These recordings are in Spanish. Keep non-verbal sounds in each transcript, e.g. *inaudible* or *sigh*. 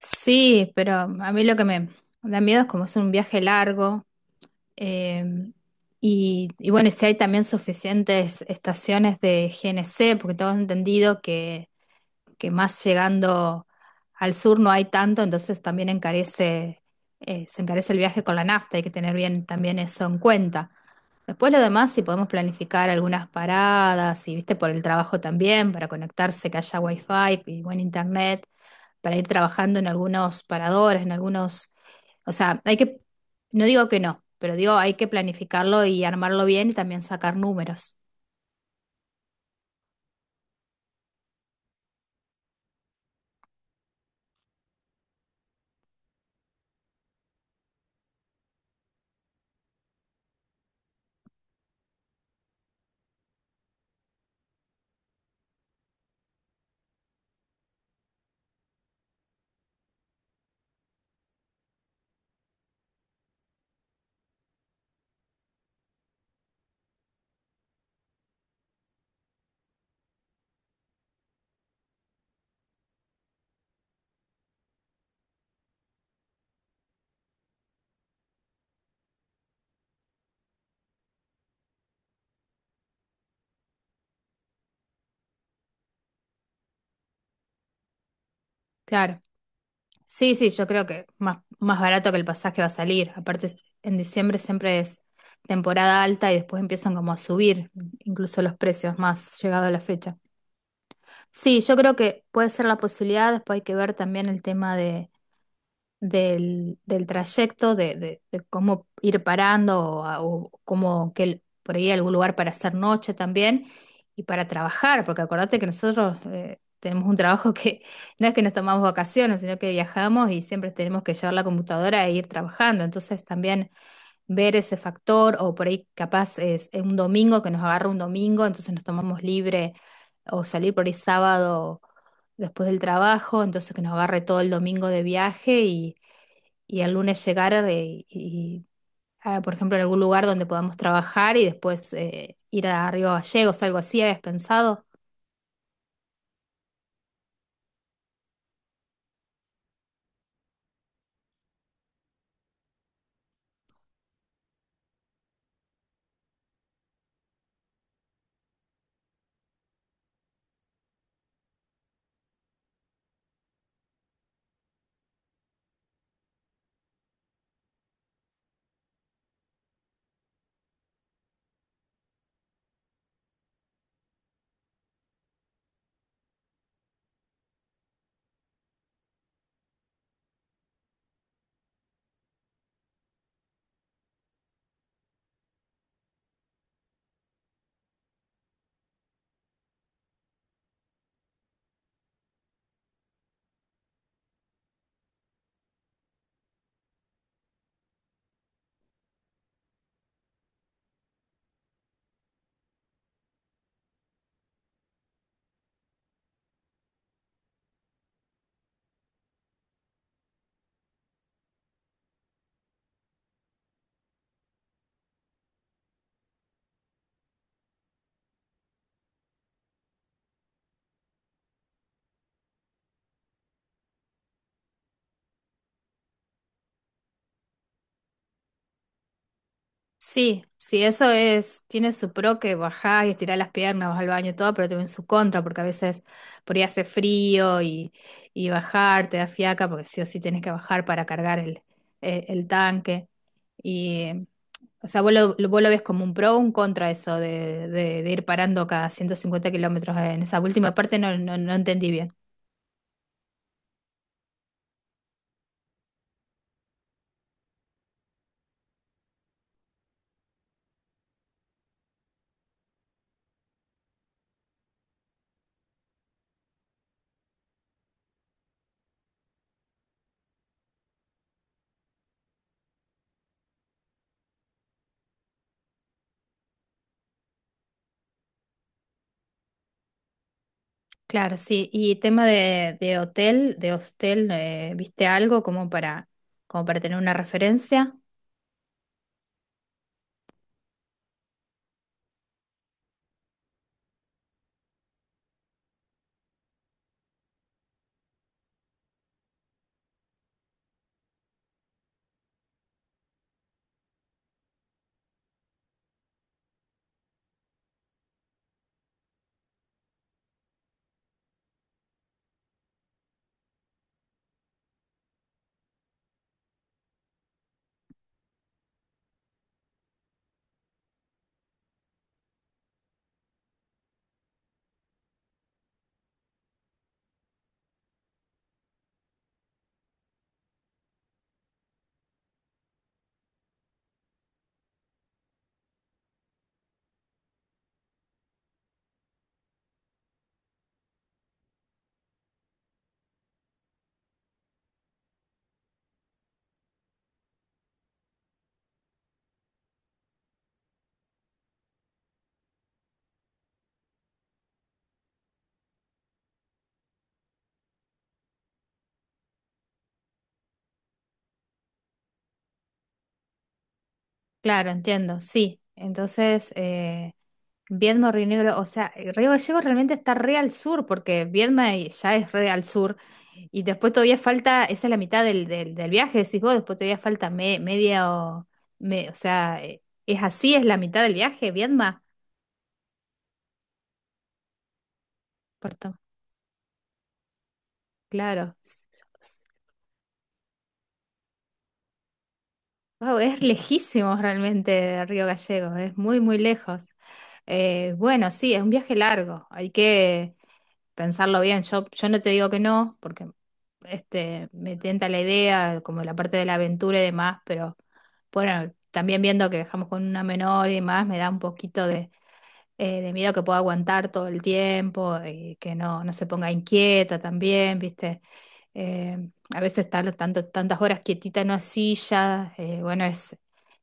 Sí, pero a mí lo que me da miedo es como es un viaje largo, eh, y bueno, y si hay también suficientes estaciones de GNC, porque tengo entendido que más llegando al sur no hay tanto, entonces también se encarece el viaje con la nafta, hay que tener bien también eso en cuenta. Después lo demás, si podemos planificar algunas paradas, y viste por el trabajo también, para conectarse, que haya wifi y buen internet, para ir trabajando en algunos paradores, en algunos, o sea, hay que, no digo que no, pero digo hay que planificarlo y armarlo bien y también sacar números. Claro. Sí, sí, yo creo que más barato que el pasaje va a salir. Aparte, en diciembre siempre es temporada alta y después empiezan como a subir incluso los precios más llegado a la fecha. Sí, yo creo que puede ser la posibilidad, después hay que ver también el tema de del trayecto, de cómo ir parando o, o cómo por ahí algún lugar para hacer noche también y para trabajar, porque acordate que nosotros tenemos un trabajo *laughs* que no es que nos tomamos vacaciones, sino que viajamos y siempre tenemos que llevar la computadora e ir trabajando. Entonces también ver ese factor o por ahí capaz es un domingo que nos agarra un domingo, entonces nos tomamos libre o salir por ahí sábado después del trabajo, entonces que nos agarre todo el domingo de viaje y el lunes llegar, y, ah, por ejemplo, en algún lugar donde podamos trabajar y después ir a Río Gallegos, algo así, ¿habías pensado? Sí, sí, eso es, tiene su pro que bajás y estirás las piernas, vas al baño y todo, pero también su contra, porque a veces por ahí hace frío y bajar te da fiaca, porque sí o sí tenés que bajar para cargar el tanque. Y, o sea, vos lo ves como un pro o un contra eso de, de ir parando cada 150 kilómetros. En esa última parte no entendí bien. Claro, sí. Y tema de hotel, de hostel, ¿viste algo como como para tener una referencia? Claro, entiendo, sí. Entonces, Viedma, Río Negro, o sea, Río Gallegos realmente está re al sur, porque Viedma ya es re al sur, y después todavía falta, esa es la mitad del viaje, decís vos, después todavía falta media o, o sea, es así, es la mitad del viaje, Viedma, Puerto, claro. S- Wow, es lejísimos realmente de Río Gallegos, es muy, muy lejos. Bueno, sí, es un viaje largo, hay que pensarlo bien. Yo no te digo que no, porque este, me tenta la idea, como la parte de la aventura y demás, pero bueno, también viendo que dejamos con una menor y demás, me da un poquito de miedo que pueda aguantar todo el tiempo y que no, no se ponga inquieta también, ¿viste? Eh, a veces estar tanto, tantas horas quietita en una silla, bueno, es,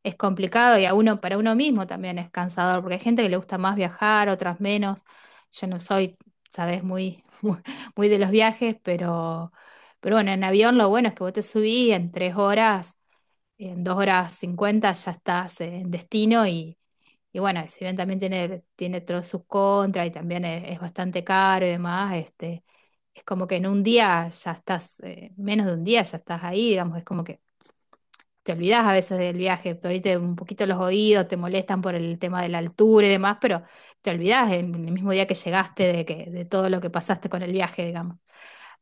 es complicado y a uno, para uno mismo también es cansador, porque hay gente que le gusta más viajar, otras menos. Yo no soy, sabes, muy, *laughs* muy, muy de los viajes, pero bueno, en avión lo bueno es que vos te subís y en 3 horas, en 2 horas cincuenta ya estás en destino y bueno, si bien también tiene todos sus contras y también es bastante caro y demás, este, es como que en un día ya estás, menos de un día ya estás ahí, digamos, es como que te olvidás a veces del viaje, te ahorita un poquito los oídos, te molestan por el tema de la altura y demás, pero te olvidás en el mismo día que llegaste de que, de todo lo que pasaste con el viaje, digamos.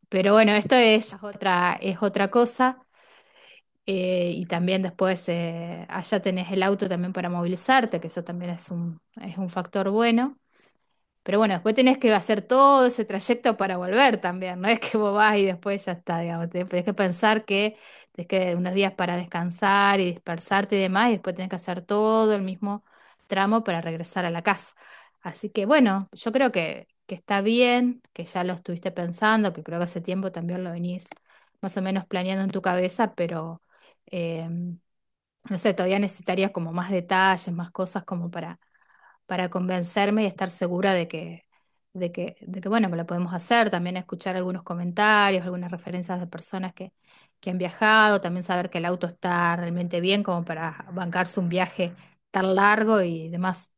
Pero bueno, esto es otra cosa. Y también después allá tenés el auto también para movilizarte, que eso también es un factor bueno. Pero bueno, después tenés que hacer todo ese trayecto para volver también, no, *laughs* es que vos vas y después ya está, digamos, tenés que pensar que tenés que unos días para descansar y dispersarte y demás, y después tenés que hacer todo el mismo tramo para regresar a la casa. Así que bueno, yo creo que, está bien, que ya lo estuviste pensando, que creo que hace tiempo también lo venís más o menos planeando en tu cabeza, pero eh, no sé, todavía necesitarías como más detalles, más cosas como para convencerme y estar segura de que, bueno, que lo podemos hacer. También escuchar algunos comentarios, algunas referencias de personas que han viajado, también saber que el auto está realmente bien como para bancarse un viaje tan largo y demás.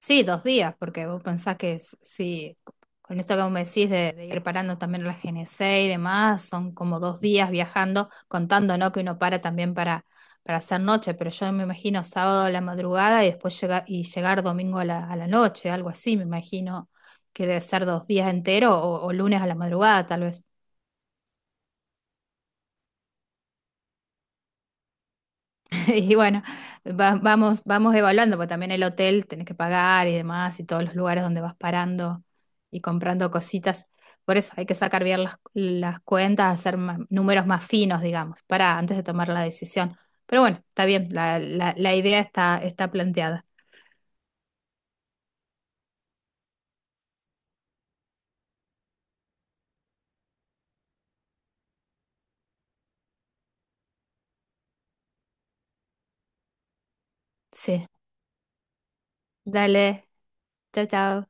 Sí, 2 días, porque vos pensás que sí, con esto que vos me decís de ir parando también la GNC y demás, son como 2 días viajando, contando, ¿no? Que uno para también para hacer noche, pero yo me imagino sábado a la madrugada y después llegar, y llegar domingo a la noche, algo así, me imagino que debe ser 2 días enteros o lunes a la madrugada, tal vez. *laughs* Y bueno, vamos evaluando, porque también el hotel tenés que pagar y demás, y todos los lugares donde vas parando y comprando cositas. Por eso hay que sacar bien las cuentas, hacer números más finos, digamos, para antes de tomar la decisión. Pero bueno, está bien, la idea está, planteada. Sí, dale, chao, chao.